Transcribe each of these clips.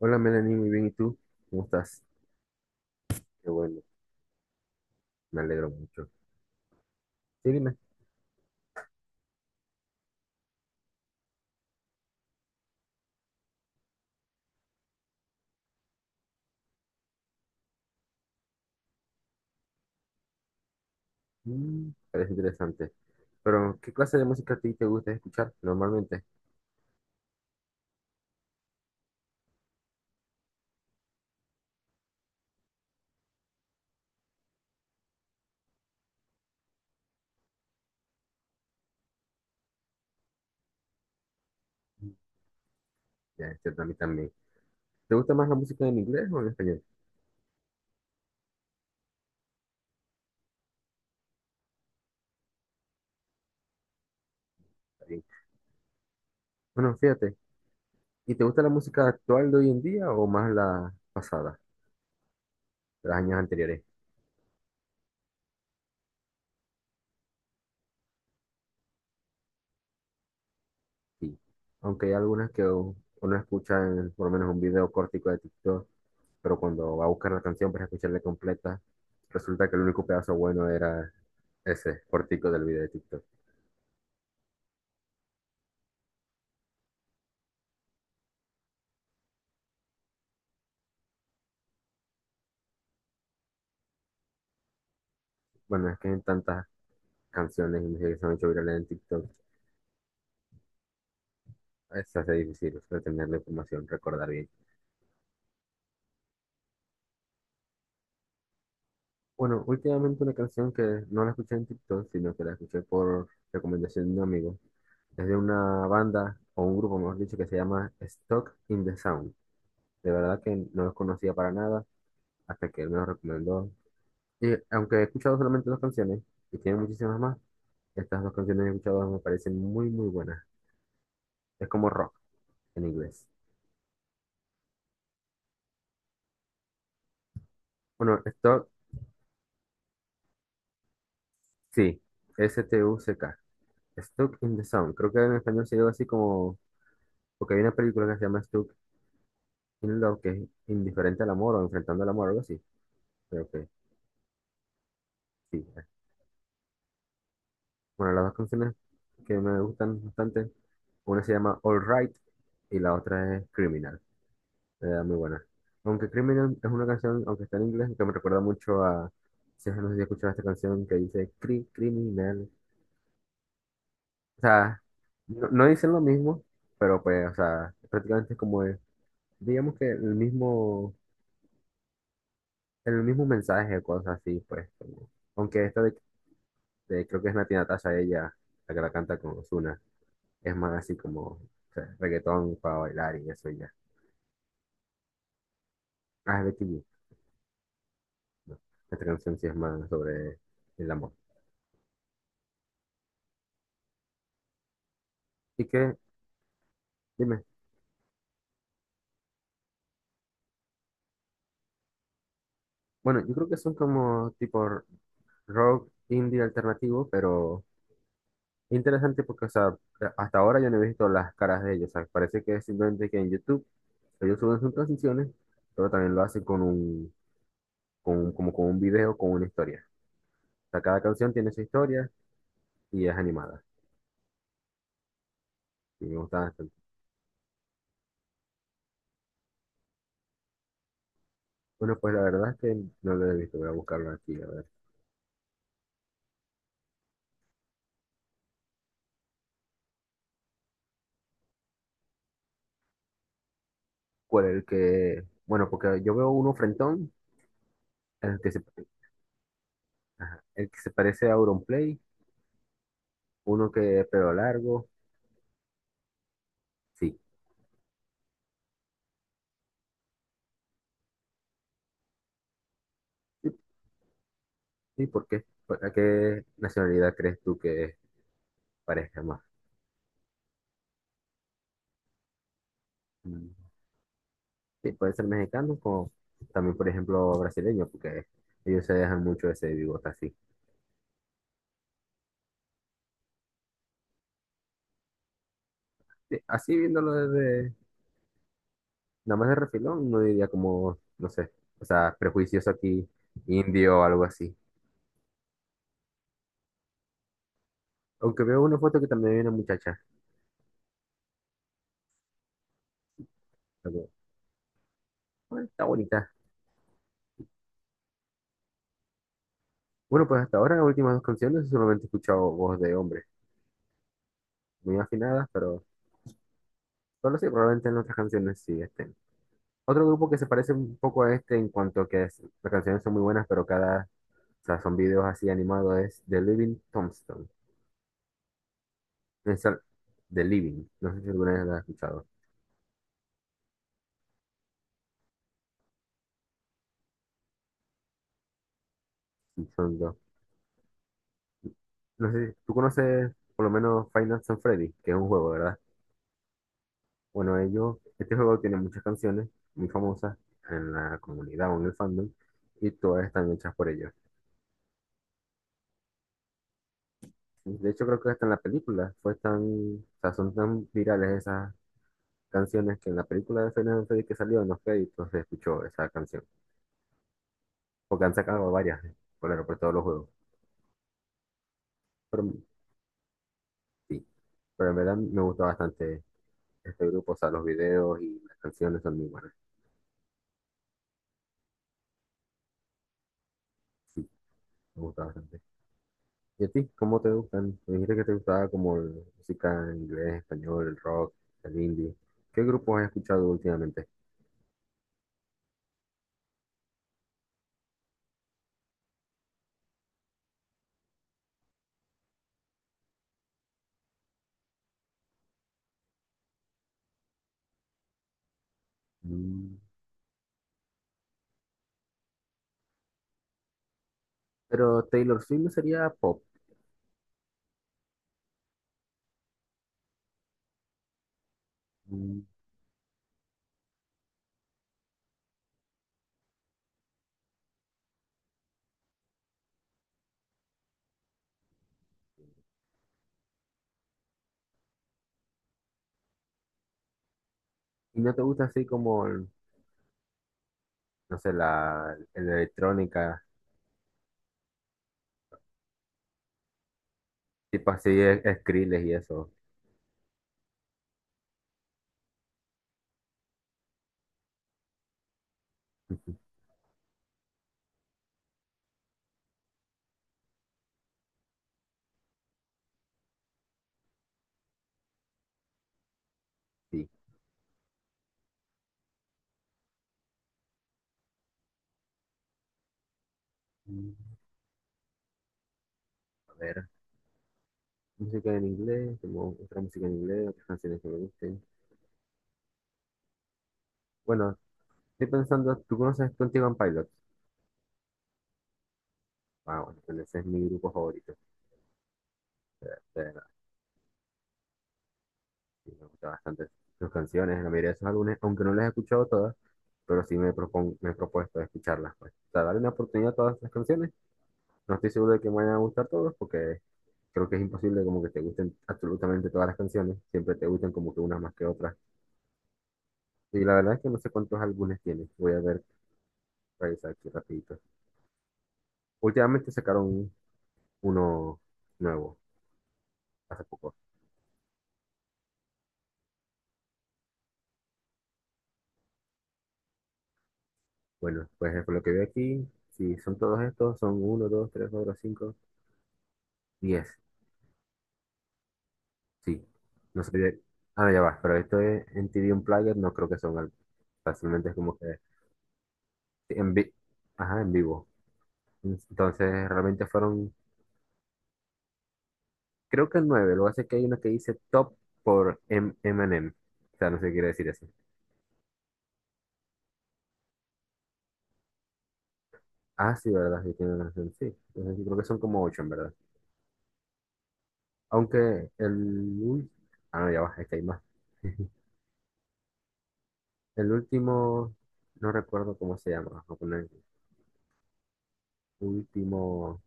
Hola Melanie, muy bien. ¿Y tú? ¿Cómo estás? Qué bueno, me alegro mucho. Sí, dime. Parece interesante. Pero, ¿qué clase de música a ti te gusta escuchar normalmente? Mm, Ya, es cierto, a mí también. ¿Te gusta más la música en inglés o en español? Está bien. Bueno, fíjate. ¿Y te gusta la música actual de hoy en día o más la pasada, de los años anteriores? Sí. Aunque hay algunas que uno escucha en por lo menos un video cortico de TikTok, pero cuando va a buscar la canción para escucharla completa, resulta que el único pedazo bueno era ese cortico del video de TikTok. Bueno, es que hay tantas canciones y música que se han hecho virales en TikTok, se hace difícil retener la información, recordar bien. Bueno, últimamente una canción que no la escuché en TikTok, sino que la escuché por recomendación de un amigo, es de una banda o un grupo, mejor dicho, que se llama Stock in the Sound. De verdad que no los conocía para nada hasta que él me los recomendó. Y aunque he escuchado solamente dos canciones, y tiene muchísimas más, estas dos canciones que he escuchado me parecen muy, muy buenas. Es como rock en inglés. Bueno, Stuck, sí, S-T-U-C-K. Stuck in the Sound. Creo que en español se llama así como, porque hay una película que se llama Stuck in Love, que es indiferente al amor o enfrentando al amor, algo así. Creo que sí. Bueno, las dos canciones que me gustan bastante, una se llama All Right y la otra es Criminal. Muy buena. Aunque Criminal es una canción, aunque está en inglés, que me recuerda mucho a, si no sé si escuchado esta canción que dice criminal. O sea, no, no dicen lo mismo, pero pues, o sea, prácticamente es como, digamos que el mismo mensaje, cosas así, pues. Aunque esta de, creo que es Nati Natasha, ella, la que la canta con Ozuna, es más así como, o sea, reggaetón para bailar y eso y ya. Ah, es Becky G. No, esta canción sí es más sobre el amor. ¿Y que? Dime. Bueno, yo creo que son como tipo rock indie alternativo, pero interesante porque, o sea, hasta ahora yo no he visto las caras de ellos. O sea, parece que es simplemente que en YouTube ellos suben sus canciones, pero también lo hacen como con un video, con una historia. O sea, cada canción tiene su historia y es animada. Y me gusta bastante. Bueno, pues la verdad es que no lo he visto. Voy a buscarlo aquí, a ver. ¿Cuál es el que? Bueno, porque yo veo uno frentón, el que se, el que se parece a Auronplay, uno que es pelo largo. Sí. ¿Y por qué? ¿A qué nacionalidad crees tú que parezca más? Mm, Sí, puede ser mexicano como también, por ejemplo, brasileño, porque ellos se dejan mucho ese bigote así. Sí, así viéndolo desde, nada más de refilón, no diría como, no sé, o sea, prejuicioso aquí, indio o algo así. Aunque veo una foto que también hay una muchacha. Como, "Bueno, está bonita." Bueno, pues hasta ahora, las últimas dos canciones, solamente he escuchado voz de hombre. Muy afinadas, pero solo sí, probablemente en otras canciones sí estén. Otro grupo que se parece un poco a este en cuanto a que las canciones son muy buenas, pero cada, o sea, son videos así animados, es The Living Tombstone. Es el- The Living, no sé si alguna vez la has escuchado. Y son dos. No sé, tú conoces por lo menos Five Nights at Freddy, que es un juego, ¿verdad? Bueno, ellos, este juego tiene muchas canciones muy famosas en la comunidad o en el fandom, y todas están hechas por ellos. De hecho, creo que hasta en la película fue tan, o sea, son tan virales esas canciones que en la película de Final Fantasy que salió en los créditos se escuchó esa canción. Porque han sacado varias por todos los juegos. Pero sí, pero en verdad me gusta bastante este grupo, o sea, los videos y las canciones son muy buenas. Sí, me gusta bastante. ¿Y a ti? ¿Cómo te gustan? Me dijiste que te gustaba como la música en inglés, español, el rock, el indie. ¿Qué grupos has escuchado últimamente? Mm, Pero Taylor Swift no sería pop. Mm, ¿Y no te gusta así como, no sé, la electrónica? Tipo así, Skrillex y eso. Sí. Mm, A ver, música en inglés, como otra música en inglés, otras canciones que me gusten. Bueno, estoy pensando, ¿tú conoces 21 Pilots? Ah, bueno, pues ese es mi grupo favorito. Eh, eh, sí, me gustan bastante sus canciones, la mayoría de sus álbumes, aunque no las he escuchado todas, pero sí me he propuesto escucharlas. Pues. O sea, darle una oportunidad a todas las canciones. No estoy seguro de que me vayan a gustar todas, porque creo que es imposible como que te gusten absolutamente todas las canciones. Siempre te gustan como que unas más que otras. Sí, la verdad es que no sé cuántos álbumes tiene. Voy a ver, revisar aquí rapidito. Últimamente sacaron uno nuevo, hace poco. Bueno, pues por lo que veo aquí, si son todos estos, son uno, dos, tres, cuatro, cinco, diez. Sí, no sé. Ah, no, ya va, pero esto es en TV un player, no creo que son álbumes. Fácilmente es como que en, vi- Ajá, en vivo. Entonces realmente fueron, creo que nueve. Lo que hace es que hay uno que dice top por Eminem. O sea, no sé qué quiere decir eso. Ah, sí, ¿verdad? Sí, tiene una canción, sí. Entonces, yo creo que son como ocho, en verdad. Aunque ul- Ah, no, ya va, es que hay más. El último, no recuerdo cómo se llama. Vamos a poner último,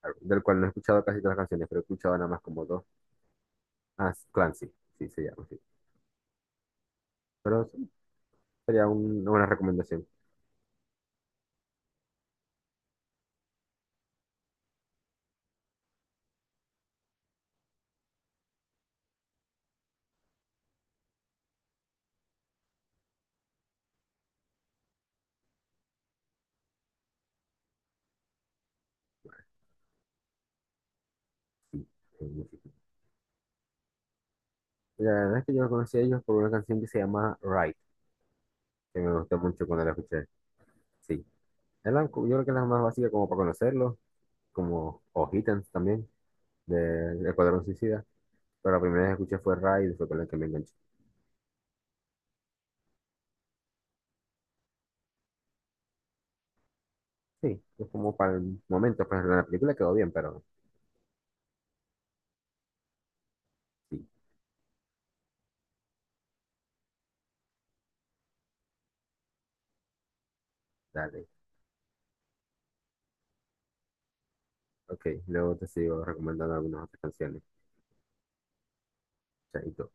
claro, del cual no he escuchado casi todas las canciones, pero he escuchado nada más como dos. Ah, es Clancy, sí, sí, se llama, sí. Pero sí, sería una buena recomendación. Sí, sí, sí, sí. La verdad es que yo conocí a ellos por una canción que se llama Right, que me gustó mucho cuando la escuché. Sí, yo creo que es la más básica como para conocerlos, como o Hittens también, de Escuadrón Suicida, pero la primera vez que escuché fue Ray y fue con la que me enganché. Sí, es como para el momento, pues la película quedó bien, pero sí, dale. Ok, luego te sigo recomendando algunas otras canciones. Chaito.